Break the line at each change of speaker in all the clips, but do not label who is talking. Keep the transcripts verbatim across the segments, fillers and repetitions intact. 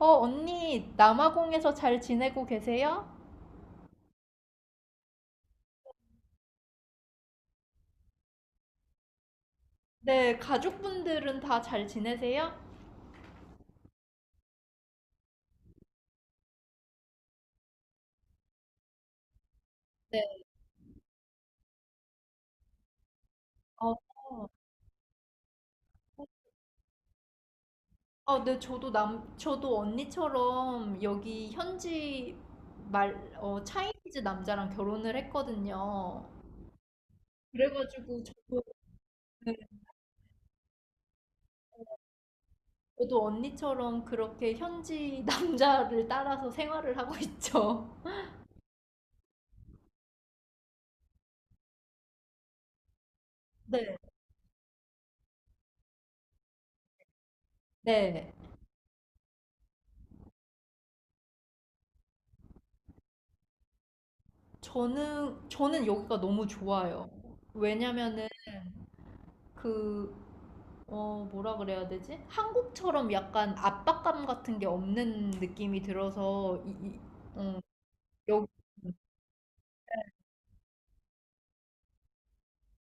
어, 언니, 남아공에서 잘 지내고 계세요? 네, 가족분들은 다 잘 지내세요? 네, 어, 어 네, 저도 남, 저도 언니처럼 여기 현지 말, 어, 차이니즈 남자랑 결혼을 했거든요. 그래가지고 저도, 네, 저도 언니처럼 그렇게 현지 남자를 따라서 생활을 하고 있죠. 네, 네. 저는, 저는 여기가 너무 좋아요. 왜냐면은 그 어, 뭐라 그래야 되지? 한국처럼 약간 압박감 같은 게 없는 느낌이 들어서 이, 이- 어, 여기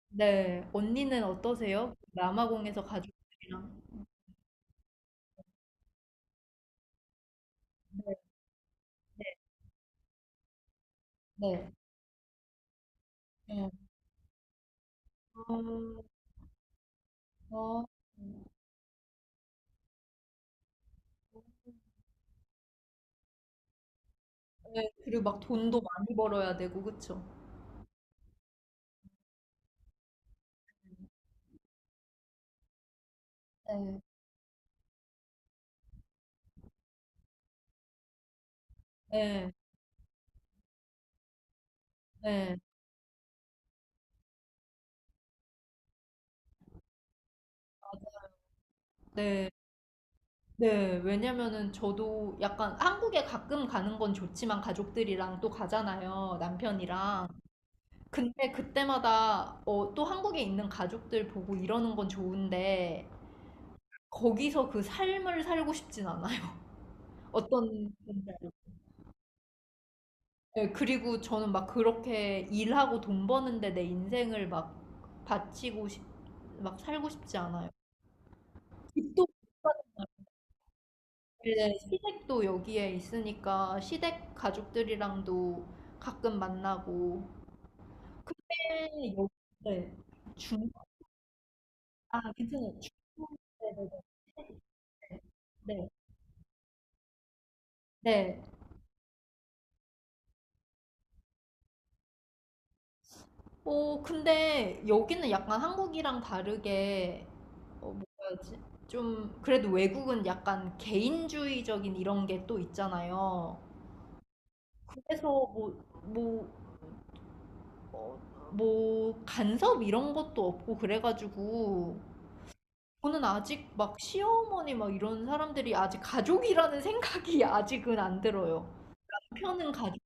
네, 언니는 어떠세요? 남아공에서 가족들이랑. 네, 네. 어, 어, 네. 그리고 막 돈도 많이 벌어야 되고 그쵸? 네, 네, 네, 네, 네. 왜냐면은 저도 약간 한국에 가끔 가는 건 좋지만 가족들이랑 또 가잖아요, 남편이랑. 근데 그때마다 어, 또 한국에 있는 가족들 보고 이러는 건 좋은데 거기서 그 삶을 살고 싶진 않아요. 어떤 건지 알아요. 네, 그리고 저는 막 그렇게 일하고 돈 버는데 내 인생을 막 바치고 싶, 막 살고 싶지 않아요. 집도 받는데 시댁도 여기에 있으니까 시댁 가족들이랑도 가끔 만나고. 근데 여기 네, 중, 아 괜찮아요. 중, 네, 네, 네. 네. 네. 어, 근데 여기는 약간 한국이랑 다르게, 어, 뭐라 해야지? 좀, 그래도 외국은 약간 개인주의적인 이런 게 또 있잖아요. 그래서 뭐, 뭐, 어, 뭐, 간섭 이런 것도 없고 그래가지고, 저는 아직 막 시어머니 막 이런 사람들이 아직 가족이라는 생각이 아직은 안 들어요. 남편은 가족.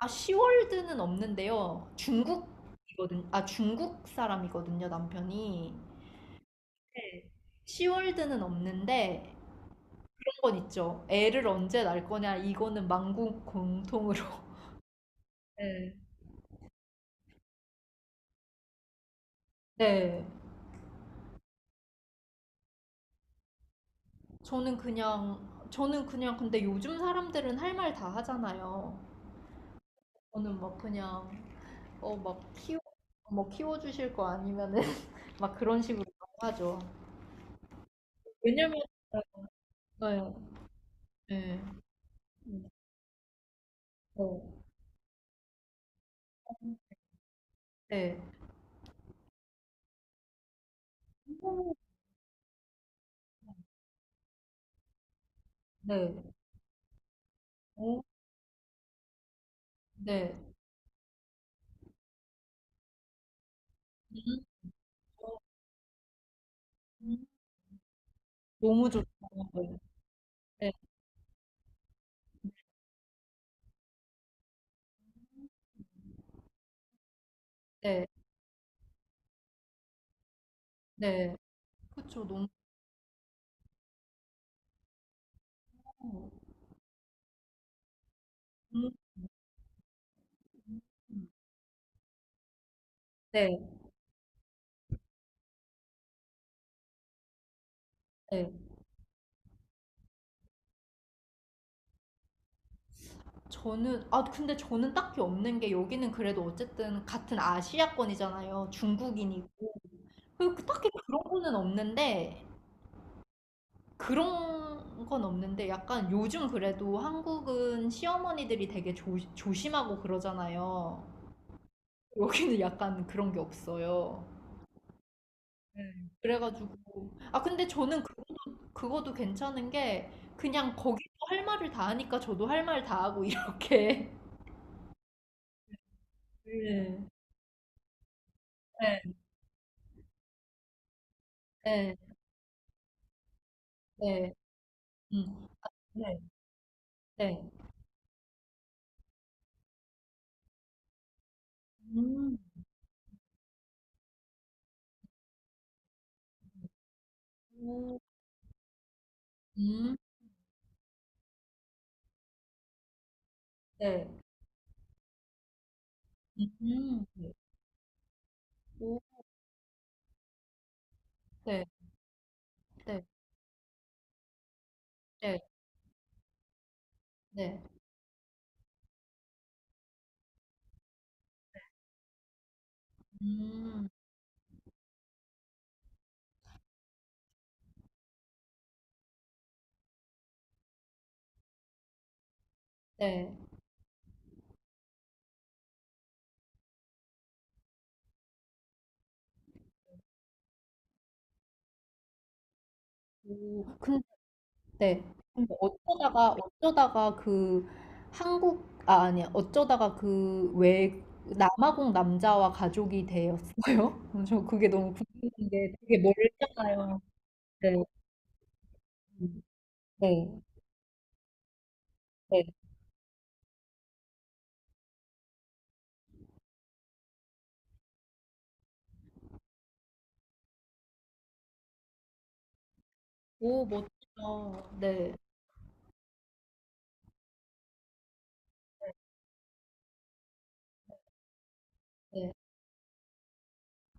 아, 시월드는 없는데요. 중국이거든. 아, 중국 사람이거든요, 남편이. 네. 시월드는 없는데 그런 건 있죠. 애를 언제 낳을 거냐 이거는 만국 공통으로. 네. 네. 저는 그냥 저는 그냥 근데 요즘 사람들은 할 말 다 하잖아요. 저는 막 그냥 어 막 키워 뭐 키워 주실 거 아니면은 막 그런 식으로 하죠. 왜냐면. 네. 네. 네. 어. 네. 오. 네. 오. 네. 음. 음. 너무 좋다. 네. 네. 네. 그쵸. 너무. 음. 음. 네. 네. 저는 아 근데 저는 딱히 없는 게 여기는 그래도 어쨌든 같은 아시아권이잖아요. 중국인이고. 그 그 딱히 그런 거는 없는데, 그런 건 없는데 약간 요즘 그래도 한국은 시어머니들이 되게 조, 조심하고 그러잖아요. 여기는 약간 그런 게 없어요. 네. 그래가지고 아 근데 저는 그것도 그것도 괜찮은 게 그냥 거기서 할 말을 다 하니까 저도 할 말 다 하고 이렇게. 네. 네. 네, 네, 음, 네, 네, 음, 오, 음, 네, 음, 네, 오, 네, 네, 네, 네, 음, 네, 오. 네. 근데 어쩌다가 어쩌다가 그 한국 아 아니 어쩌다가 그 왜 남아공 남자와 가족이 되었어요? 저 그게 너무 궁금한 게 되게 멀잖아요. 네. 음, 네. 네. 오, 멋지다. 네. 네.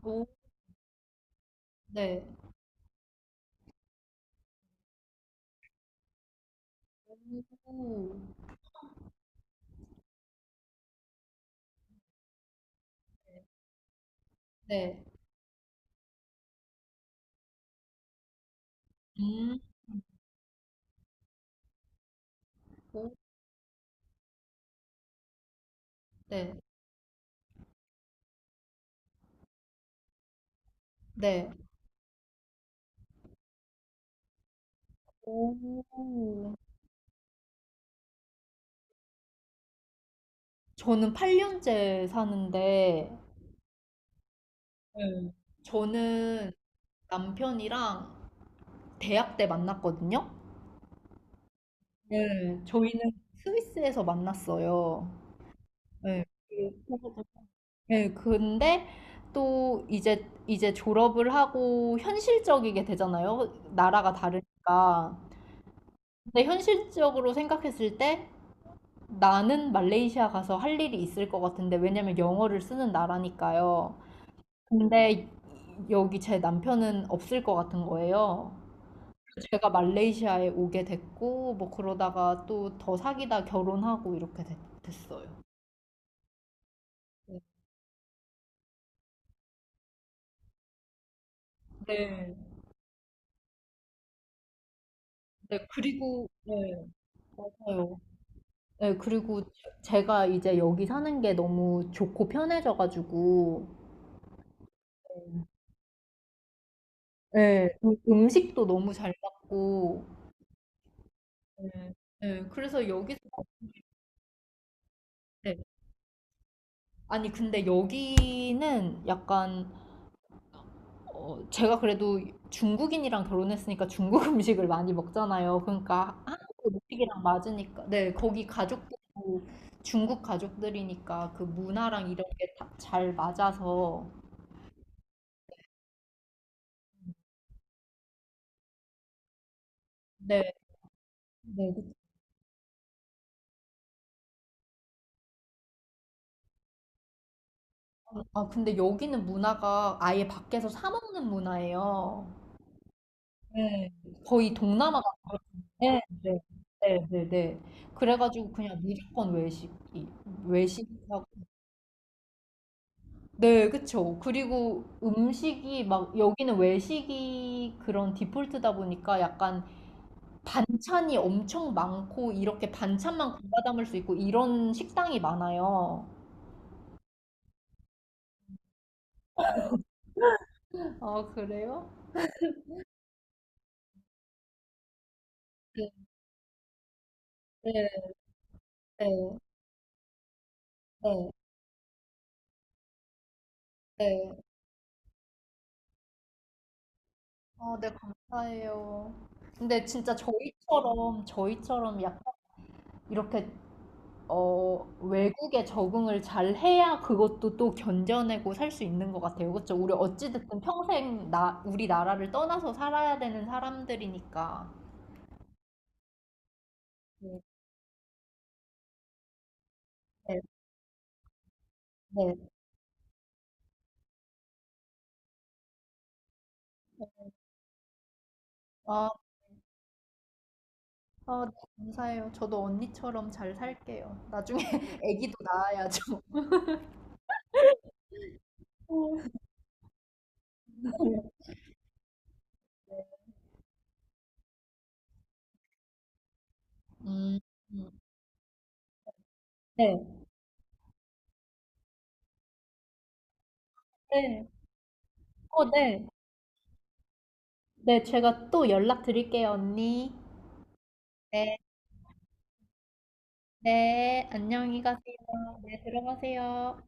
오. 네. 오. 네. 네. 음. 오. 네. 네. 오. 저는 팔 년째 사는데, 네. 저는 남편이랑 대학 때 만났거든요. 네, 저희는 스위스에서 만났어요. 네. 그리 네, 근데 또 이제 이제 졸업을 하고 현실적이게 되잖아요, 나라가 다르니까. 근데 현실적으로 생각했을 때 나는 말레이시아 가서 할 일이 있을 것 같은데, 왜냐면 영어를 쓰는 나라니까요. 근데 여기 제 남편은 없을 것 같은 거예요. 제가 말레이시아에 오게 됐고, 뭐 그러다가 또 더 사귀다 결혼하고 이렇게 됐, 어요. 네. 네, 그리고, 네, 맞아요. 네, 그리고 제- 제가 이제 여기 사는 게 너무 좋고 편해져가지고, 네, 음, 음식도 너무 잘 맞고, 네, 네, 그래서 여기서, 네. 아니, 근데 여기는 약간 어, 제가 그래도 중국인이랑 결혼했으니까 중국 음식을 많이 먹잖아요. 그러니까 한국 음식이랑 맞으니까. 네, 거기 가족들도 중국 가족들이니까 그 문화랑 이런 게 다 잘 맞아서. 네, 네. 그쵸. 아, 근데 여기는 문화가 아예 밖에서 사 먹는 문화예요. 네. 거의 동남아 같아요. 네, 네, 네, 네. 네. 그래가지고 그냥 무조건 외식이, 외식하고. 네, 그쵸. 그리고 음식이 막 여기는 외식이 그런 디폴트다 보니까 약간 반찬이 엄청 많고 이렇게 반찬만 골라 담을 수 있고 이런 식당이 많아요. 아, 그래요? 네, 네, 네, 네. 네. 어, 네, 감사해요. 근데 진짜 저희처럼 저희처럼 약간 이렇게 어, 외국에 적응을 잘 해야 그것도 또 견뎌내고 살 수 있는 것 같아요. 그렇죠? 우리 어찌됐든 평생 나, 우리나라를 떠나서 살아야 되는 사람들이니까. 네, 네. 네. 아, 아, 네, 감사해요. 저도 언니처럼 잘 살게요. 나중에 아기도 낳아야죠. 음, 음. 네, 네. 어, 네. 네, 제가 또 연락 드릴게요, 언니. 네, 네. 안녕히 가세요. 네, 들어가세요.